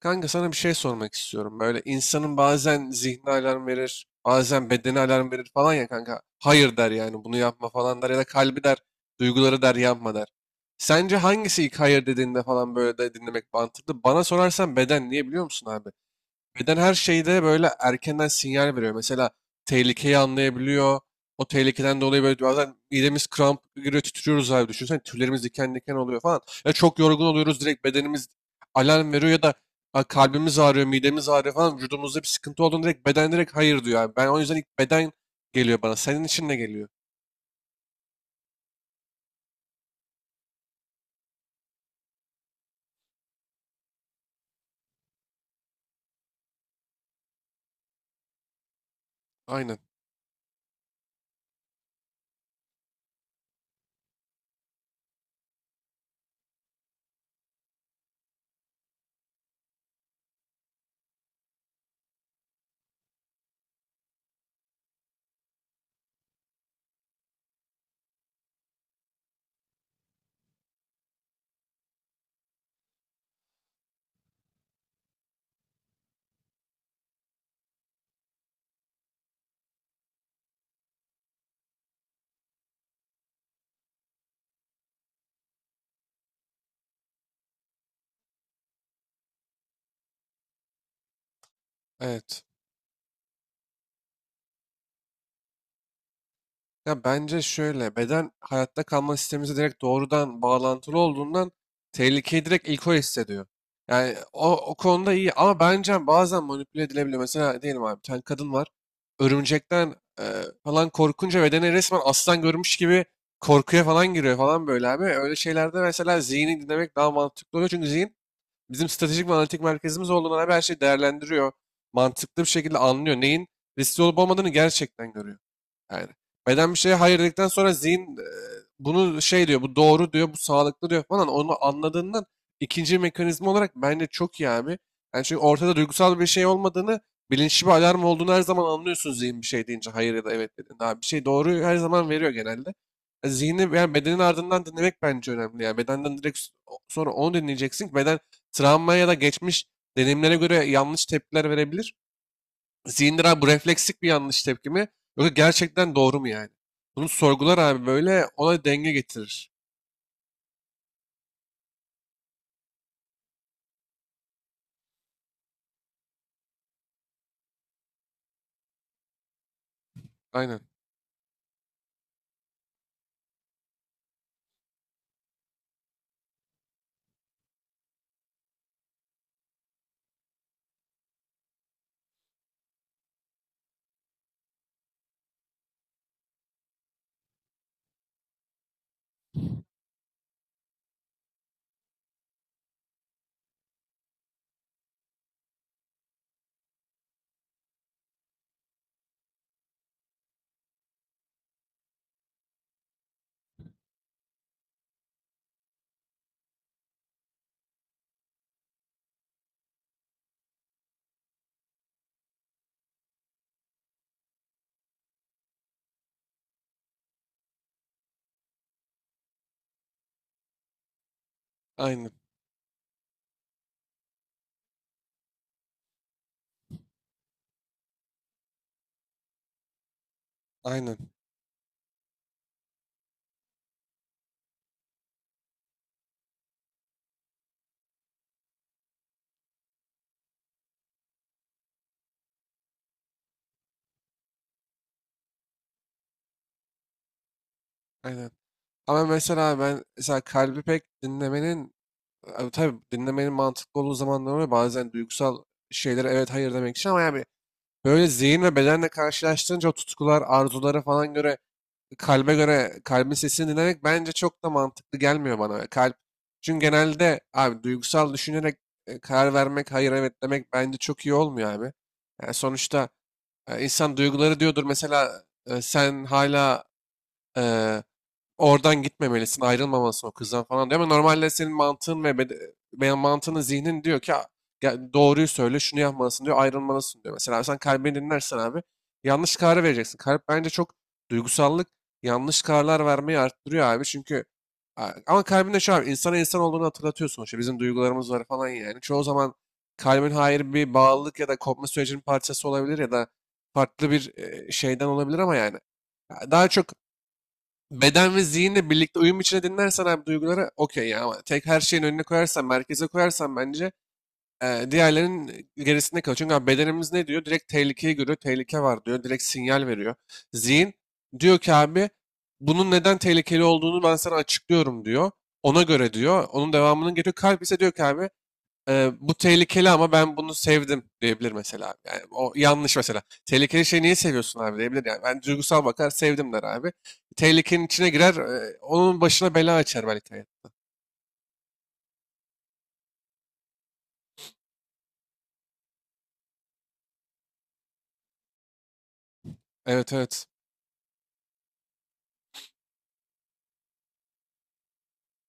Kanka sana bir şey sormak istiyorum. Böyle insanın bazen zihni alarm verir, bazen bedeni alarm verir falan ya kanka. Hayır der yani bunu yapma falan der ya da kalbi der, duyguları der yapma der. Sence hangisi ilk hayır dediğinde falan böyle de dinlemek mantıklı? Bana sorarsan beden, niye biliyor musun abi? Beden her şeyde böyle erkenden sinyal veriyor. Mesela tehlikeyi anlayabiliyor. O tehlikeden dolayı böyle bazen midemiz kramp giriyor, titriyoruz abi. Düşünsene tüylerimiz diken diken oluyor falan. Ya çok yorgun oluyoruz, direkt bedenimiz alarm veriyor ya da "Aa, kalbimiz ağrıyor, midemiz ağrıyor" falan. Vücudumuzda bir sıkıntı olduğunda direkt beden direkt hayır diyor abi. Ben o yüzden ilk beden geliyor bana. Senin için ne geliyor? Aynen. Evet. Ya bence şöyle, beden hayatta kalma sistemimize direkt doğrudan bağlantılı olduğundan tehlikeyi direkt ilk o hissediyor. Yani o, o konuda iyi ama bence bazen manipüle edilebiliyor. Mesela diyelim abi bir tane kadın var. Örümcekten e, falan korkunca bedene resmen aslan görmüş gibi korkuya falan giriyor falan böyle abi. Öyle şeylerde mesela zihni dinlemek daha mantıklı oluyor. Çünkü zihin bizim stratejik ve analitik merkezimiz olduğundan abi her şeyi değerlendiriyor. Mantıklı bir şekilde anlıyor. Neyin riskli olup olmadığını gerçekten görüyor. Yani beden bir şeye hayır dedikten sonra zihin bunu şey diyor, bu doğru diyor, bu sağlıklı diyor falan. Onu anladığından ikinci mekanizma olarak bence çok iyi abi. Yani çünkü ortada duygusal bir şey olmadığını, bilinçli bir alarm olduğunu her zaman anlıyorsun zihin bir şey deyince, hayır ya da evet dediğinde. Abi bir şey doğruyu her zaman veriyor genelde. Zihni yani bedenin ardından dinlemek bence önemli. Yani bedenden direkt sonra onu dinleyeceksin. Ki beden travma ya da geçmiş deneyimlere göre yanlış tepkiler verebilir. Zihindir abi, bu refleksik bir yanlış tepki mi? Yoksa gerçekten doğru mu yani? Bunu sorgular abi, böyle ona denge getirir. Aynen, aynen, aynen. Aynen. Ama mesela ben mesela kalbi pek dinlemenin tabii dinlemenin mantıklı olduğu zamanlar oluyor. Bazen duygusal şeylere evet hayır demek için ama yani böyle zihin ve bedenle karşılaştırınca o tutkular, arzulara falan göre, kalbe göre, kalbin sesini dinlemek bence çok da mantıklı gelmiyor bana. Kalp, çünkü genelde abi duygusal düşünerek karar vermek, hayır evet demek bence çok iyi olmuyor abi. Yani sonuçta insan duyguları diyordur mesela, sen hala e, oradan gitmemelisin, ayrılmamalısın o kızdan falan diyor. Ama normalde senin mantığın ve veya mantığının zihnin diyor ki "Aa, ya doğruyu söyle, şunu yapmalısın" diyor, ayrılmalısın diyor. Mesela sen kalbini dinlersen abi yanlış kararı vereceksin. Kalp bence çok duygusallık yanlış kararlar vermeyi arttırıyor abi. Çünkü ama kalbinde şu abi, insana insan olduğunu hatırlatıyor sonuçta. Bizim duygularımız var falan yani. Çoğu zaman kalbin hayır bir bağlılık ya da kopma sürecinin parçası olabilir ya da farklı bir şeyden olabilir ama yani. Ya daha çok beden ve zihinle birlikte uyum içine dinlersen abi duyguları okey ya, ama tek her şeyin önüne koyarsan, merkeze koyarsan bence diğerlerinin gerisinde kalıyor. Çünkü abi bedenimiz ne diyor? Direkt tehlikeyi görüyor, tehlike var diyor, direkt sinyal veriyor. Zihin diyor ki abi bunun neden tehlikeli olduğunu ben sana açıklıyorum diyor. Ona göre diyor, onun devamının geliyor. Kalp ise diyor ki abi bu tehlikeli ama ben bunu sevdim diyebilir mesela. Yani o yanlış mesela. Tehlikeli şeyi niye seviyorsun abi diyebilir yani. Ben duygusal bakar sevdim der abi. Tehlikenin içine girer, onun başına bela açar belki. Hayat. Evet evet.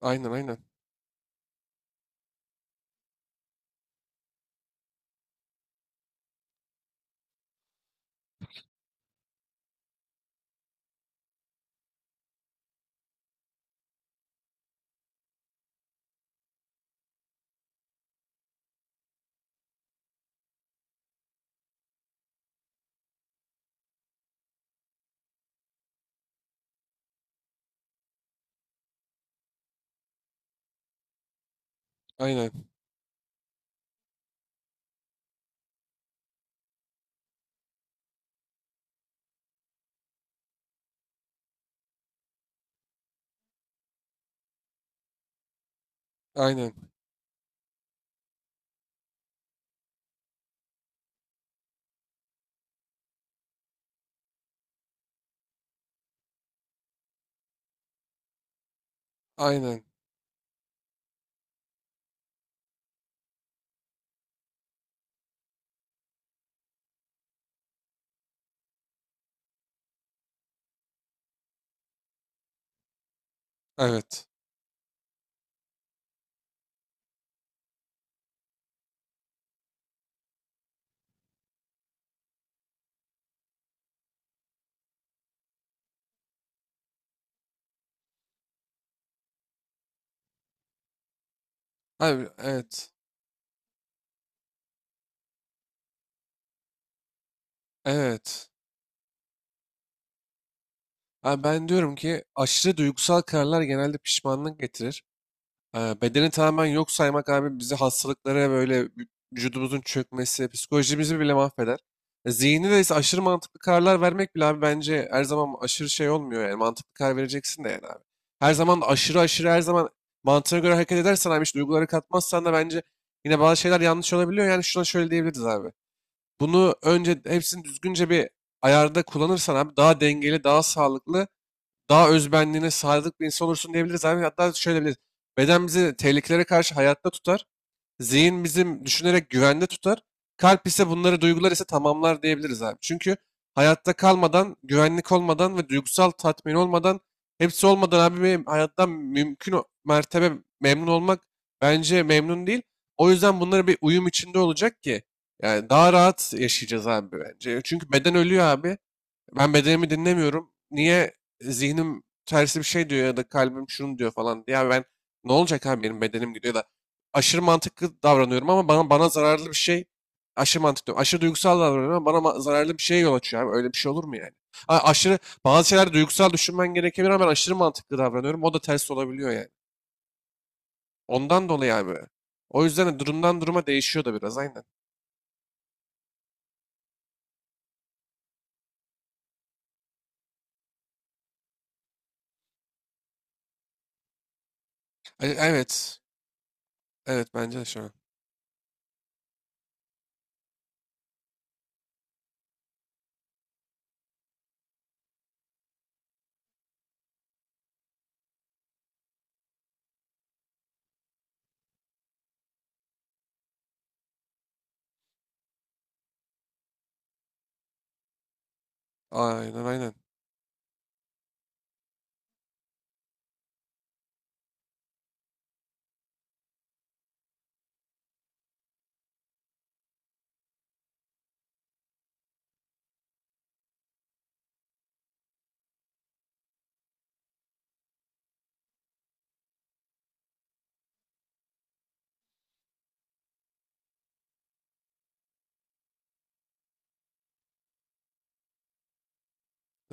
Aynen aynen. Aynen. Aynen. Aynen. Evet. Abi evet. Evet. Abi ben diyorum ki aşırı duygusal kararlar genelde pişmanlık getirir. Bedeni tamamen yok saymak abi bizi hastalıklara, böyle vücudumuzun çökmesi, psikolojimizi bile mahveder. Zihni de ise aşırı mantıklı kararlar vermek bile abi bence her zaman aşırı şey olmuyor, yani mantıklı karar vereceksin de yani abi. Her zaman da aşırı aşırı her zaman mantığına göre hareket edersen abi, hiç duyguları katmazsan da bence yine bazı şeyler yanlış olabiliyor. Yani şuna şöyle diyebiliriz abi. Bunu önce hepsini düzgünce bir ayarda kullanırsan abi daha dengeli, daha sağlıklı, daha özbenliğine sadık bir insan olursun diyebiliriz abi. Hatta şöyle diyebiliriz. Beden bizi tehlikelere karşı hayatta tutar. Zihin bizim düşünerek güvende tutar. Kalp ise bunları, duygular ise tamamlar diyebiliriz abi. Çünkü hayatta kalmadan, güvenlik olmadan ve duygusal tatmin olmadan, hepsi olmadan abi bir hayattan mümkün mertebe memnun olmak bence memnun değil. O yüzden bunları bir uyum içinde olacak ki yani daha rahat yaşayacağız abi bence. Çünkü beden ölüyor abi. Ben bedenimi dinlemiyorum. Niye? Zihnim tersi bir şey diyor ya da kalbim şunu diyor falan diye. Ya ben ne olacak abi, benim bedenim gidiyor da aşırı mantıklı davranıyorum ama bana bana zararlı bir şey, aşırı mantıklı diyorum. Aşırı duygusal davranıyorum ama bana zararlı bir şeye yol açıyor abi. Öyle bir şey olur mu yani? Ha, aşırı bazı şeyler duygusal düşünmen gerekebilir ama ben aşırı mantıklı davranıyorum. O da ters olabiliyor yani. Ondan dolayı abi. O yüzden de durumdan duruma değişiyor da biraz, aynen. Evet. Evet, bence de şu an. Aynen aynen.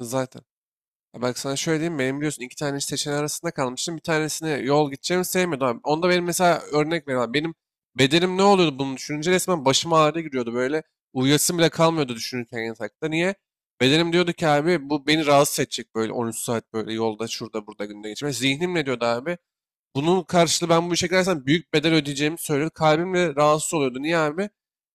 Zaten. Ya bak sana şöyle diyeyim, benim biliyorsun iki tane seçeneği arasında kalmıştım. Bir tanesini yol gideceğimi sevmiyordum abi. Onda benim mesela, örnek veriyorum. Benim bedenim ne oluyordu bunu düşününce? Resmen başım ağrı giriyordu böyle. Uyuyasım bile kalmıyordu düşünürken yatakta. Niye? Bedenim diyordu ki abi bu beni rahatsız edecek, böyle 13 saat böyle yolda şurada burada günde geçirmek. Zihnim ne diyordu abi? Bunun karşılığı ben bu işe girersem büyük bedel ödeyeceğimi söylüyordu. Kalbim de rahatsız oluyordu. Niye abi?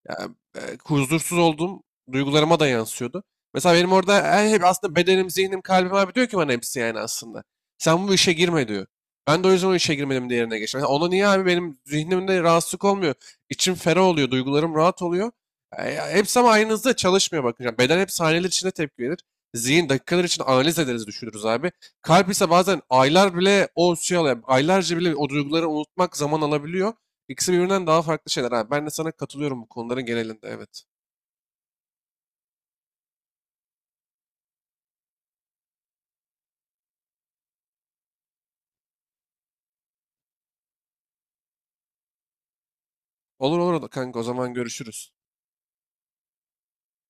Ya, huzursuz olduğum duygularıma da yansıyordu. Mesela benim orada her hep aslında bedenim, zihnim, kalbim abi diyor ki bana hepsi, yani aslında. Sen bu işe girme diyor. Ben de o yüzden o işe girmedim, diğerine geçtim. Mesela ona niye abi benim zihnimde rahatsızlık olmuyor? İçim ferah oluyor, duygularım rahat oluyor. Ya hepsi ama aynı hızda çalışmıyor bakınca. Beden hep saniyeler içinde tepki verir. Zihin dakikalar için analiz ederiz, düşünürüz abi. Kalp ise bazen aylar bile o şey alıyor. Aylarca bile o duyguları unutmak zaman alabiliyor. İkisi birbirinden daha farklı şeyler abi. Ben de sana katılıyorum bu konuların genelinde, evet. Olur olur kanka, o zaman görüşürüz.